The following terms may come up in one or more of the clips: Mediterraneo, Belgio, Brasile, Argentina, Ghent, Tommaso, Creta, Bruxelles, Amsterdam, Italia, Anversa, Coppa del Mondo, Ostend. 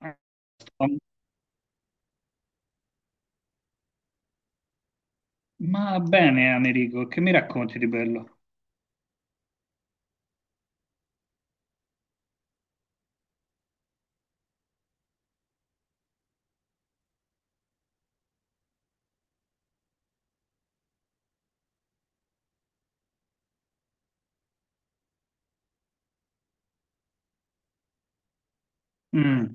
Eh, Ma bene, Americo, che mi racconti di bello? Mm.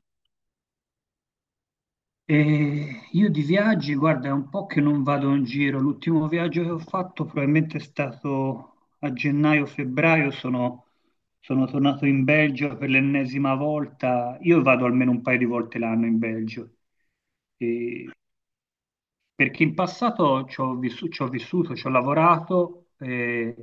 E io di viaggi, guarda, è un po' che non vado in giro. L'ultimo viaggio che ho fatto probabilmente è stato a gennaio-febbraio. Sono tornato in Belgio per l'ennesima volta. Io vado almeno un paio di volte l'anno in Belgio. E Perché in passato ci ho vissuto, ci ho lavorato,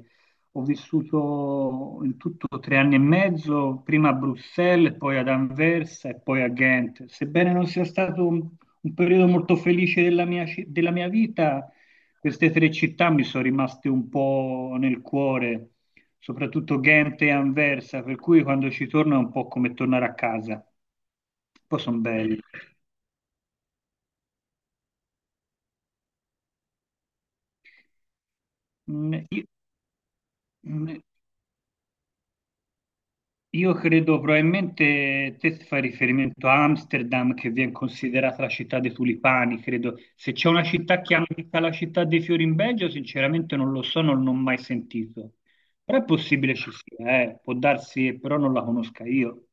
ho vissuto in tutto tre anni e mezzo, prima a Bruxelles, poi ad Anversa e poi a Ghent. Sebbene non sia stato un periodo molto felice della mia vita, queste tre città mi sono rimaste un po' nel cuore, soprattutto Ghent e Anversa, per cui quando ci torno è un po' come tornare a casa. Poi sono belli. Mm, io- mm, Io credo probabilmente te fai riferimento a Amsterdam che viene considerata la città dei tulipani, credo. Se c'è una città che chiamata la città dei fiori in Belgio, sinceramente non lo so, non l'ho mai sentito. Però è possibile ci sia, può darsi, però non la conosca io.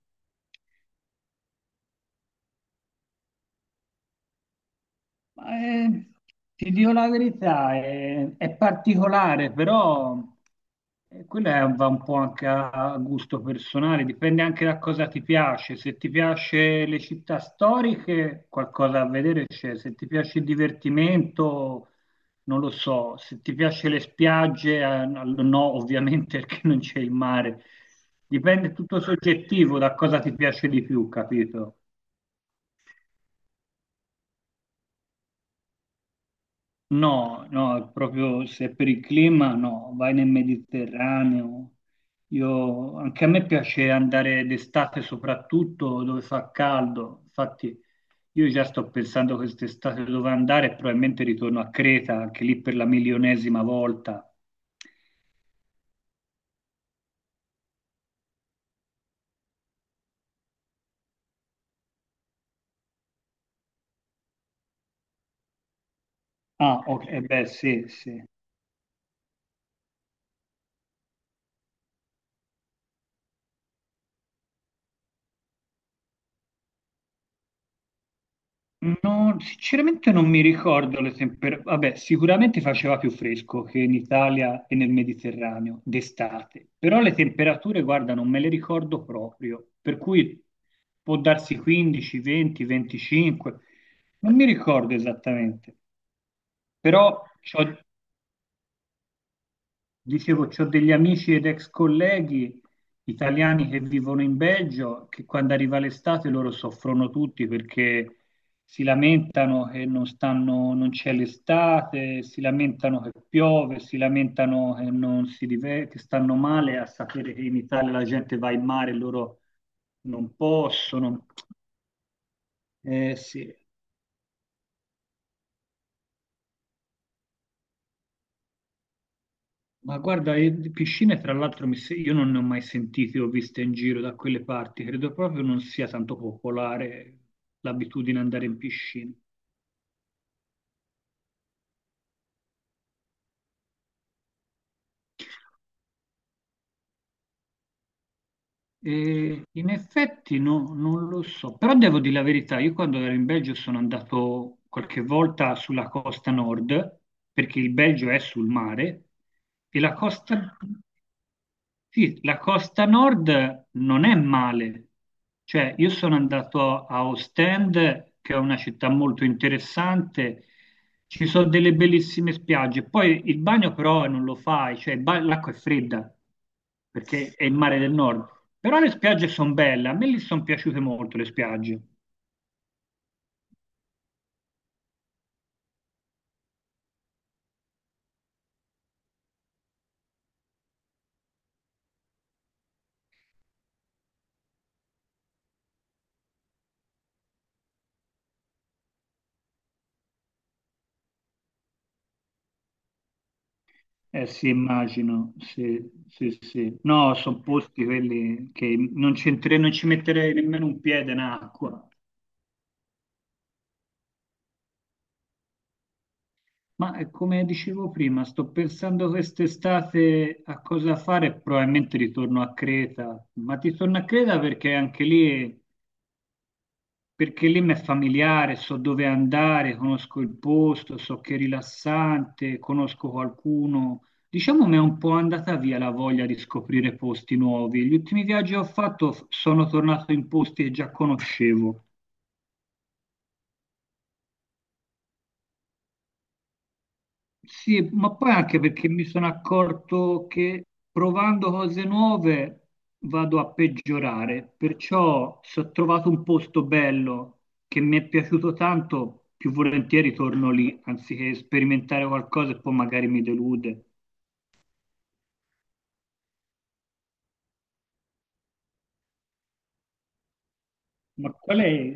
Ma, eh, ti dico la verità, è particolare, però va un po' anche a gusto personale, dipende anche da cosa ti piace. Se ti piace le città storiche, qualcosa a vedere c'è. Se ti piace il divertimento, non lo so. Se ti piace le spiagge, no, no, ovviamente perché non c'è il mare. Dipende è tutto soggettivo da cosa ti piace di più, capito? No, no, proprio se per il clima no, vai nel Mediterraneo. Io, anche a me piace andare d'estate soprattutto dove fa caldo. Infatti io già sto pensando quest'estate dove andare, e probabilmente ritorno a Creta, anche lì per la milionesima volta. Ah, ok, eh beh, sì, sì. No, sinceramente non mi ricordo le temperature. Vabbè, sicuramente faceva più fresco che in Italia e nel Mediterraneo d'estate, però le temperature, guarda, non me le ricordo proprio, per cui può darsi 15, 20, 25, non mi ricordo esattamente, però c'ho- dicevo, ho degli amici ed ex colleghi italiani che vivono in Belgio, che quando arriva l'estate loro soffrono tutti perché si lamentano che non stanno, non c'è l'estate, si lamentano che piove, si lamentano che non si diver- che stanno male a sapere che in Italia la gente va in mare e loro non possono. Sì. Ma guarda, di piscine tra l'altro mi se- io non ne ho mai sentite, ho viste in giro da quelle parti, credo proprio non sia tanto popolare l'abitudine ad andare in piscina. E in effetti non lo so, però devo dire la verità, io quando ero in Belgio sono andato qualche volta sulla costa nord, perché il Belgio è sul mare, e la costa... Sì, la costa nord non è male, cioè io sono andato a Ostend, che è una città molto interessante, ci sono delle bellissime spiagge, poi il bagno però non lo fai, cioè l'acqua è fredda, perché è il mare del nord, però le spiagge sono belle, a me lì sono piaciute molto le spiagge. Eh sì, immagino, sì, sì, sì. No, sono posti quelli che non ci metterei nemmeno un piede in acqua. Come dicevo prima, sto pensando quest'estate a cosa fare, probabilmente ritorno a Creta, ma ti torno a Creta perché anche lì, perché lì mi è familiare, so dove andare, conosco il posto, so che è rilassante, conosco qualcuno. Diciamo mi è un po' andata via la voglia di scoprire posti nuovi. Gli ultimi viaggi che ho fatto, sono tornato in posti che già conoscevo. Sì, ma poi anche perché mi sono accorto che provando cose nuove vado a peggiorare, perciò se ho trovato un posto bello che mi è piaciuto tanto, più volentieri torno lì, anziché sperimentare qualcosa e poi magari mi delude. Ma qual è-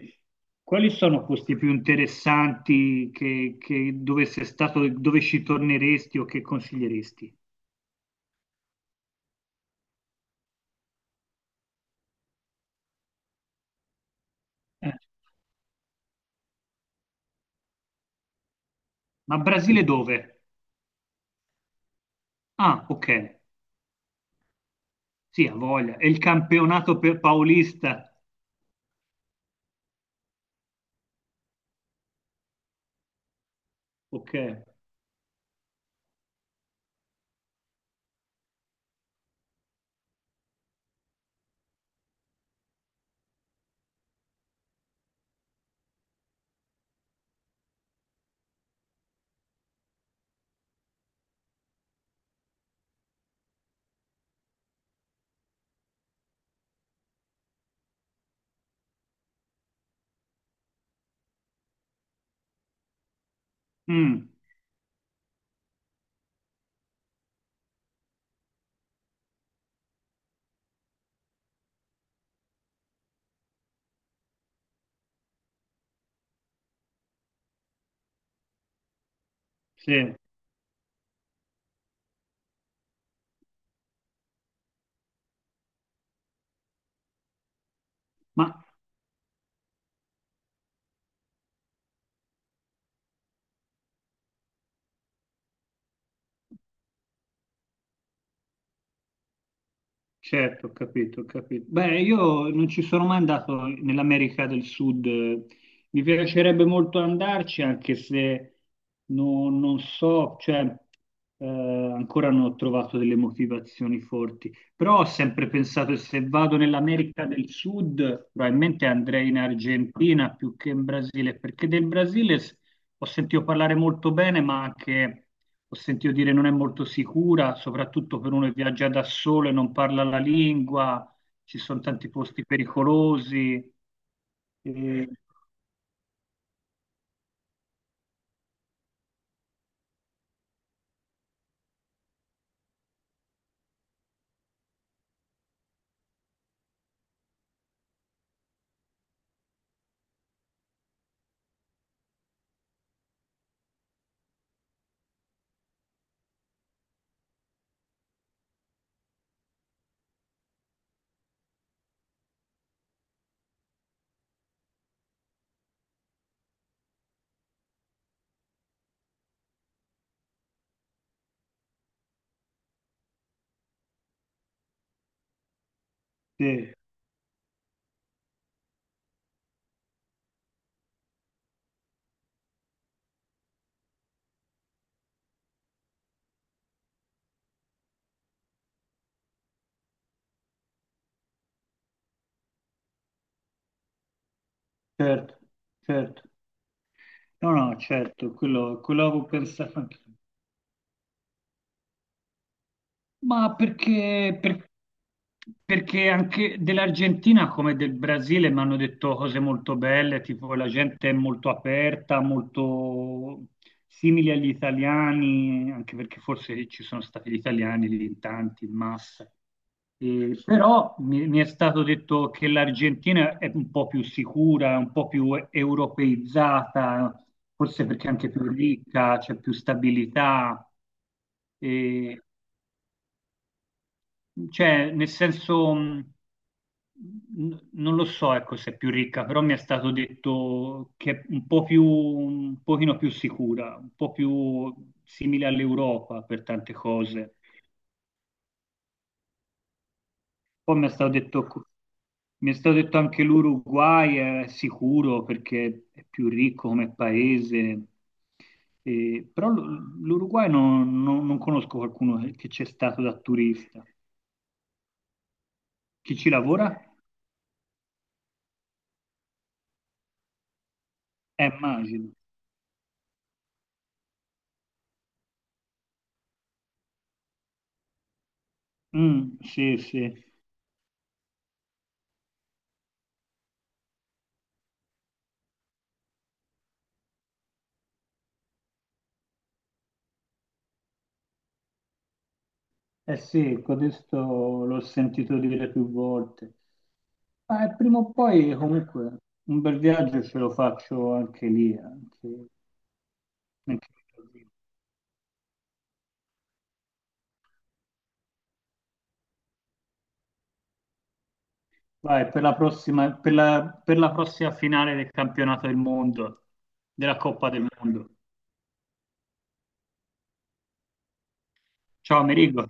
quali sono posti più interessanti che dove sei stato, dove ci torneresti o che consiglieresti? Eh, Ma Brasile dove? Ah, ok. Sì, ha voglia. È il campionato per paulista. Ok. Mm, sì. Ma certo, ho capito, ho capito. Beh, io non ci sono mai andato nell'America del Sud. Mi piacerebbe molto andarci, anche se non so, cioè, ancora non ho trovato delle motivazioni forti. Però ho sempre pensato che se vado nell'America del Sud, probabilmente andrei in Argentina più che in Brasile, perché del Brasile s- ho sentito parlare molto bene, ma anche ho sentito dire non è molto sicura, soprattutto per uno che viaggia da solo e non parla la lingua, ci sono tanti posti pericolosi. Eh, sì, certo, certo. No, no, certo, quello avevo pensato anche. Ma perché, per- perché anche dell'Argentina come del Brasile mi hanno detto cose molto belle, tipo la gente è molto aperta, molto simile agli italiani, anche perché forse ci sono stati gli italiani lì in tanti, in massa. Però mi è stato detto che l'Argentina è un po' più sicura, è un po' più europeizzata, forse perché è anche più ricca, c'è più stabilità. Cioè, nel senso, non lo so, ecco, se è più ricca, però mi è stato detto che è un po' più, un pochino più sicura, un po' più simile all'Europa per tante cose. Poi mi è stato detto, co- mi è stato detto anche l'Uruguay è sicuro perché è più ricco come paese. Però l'Uruguay non conosco qualcuno che c'è stato da turista. Chi ci lavora? Immagino. Mm, sì, sì. Eh sì, codesto l'ho sentito dire più volte. Prima o poi, comunque, un bel viaggio ce lo faccio anche lì, anche lì. Vai, per la prossima, per la prossima finale del campionato del mondo, della Coppa del Mondo. Ciao, Amerigo.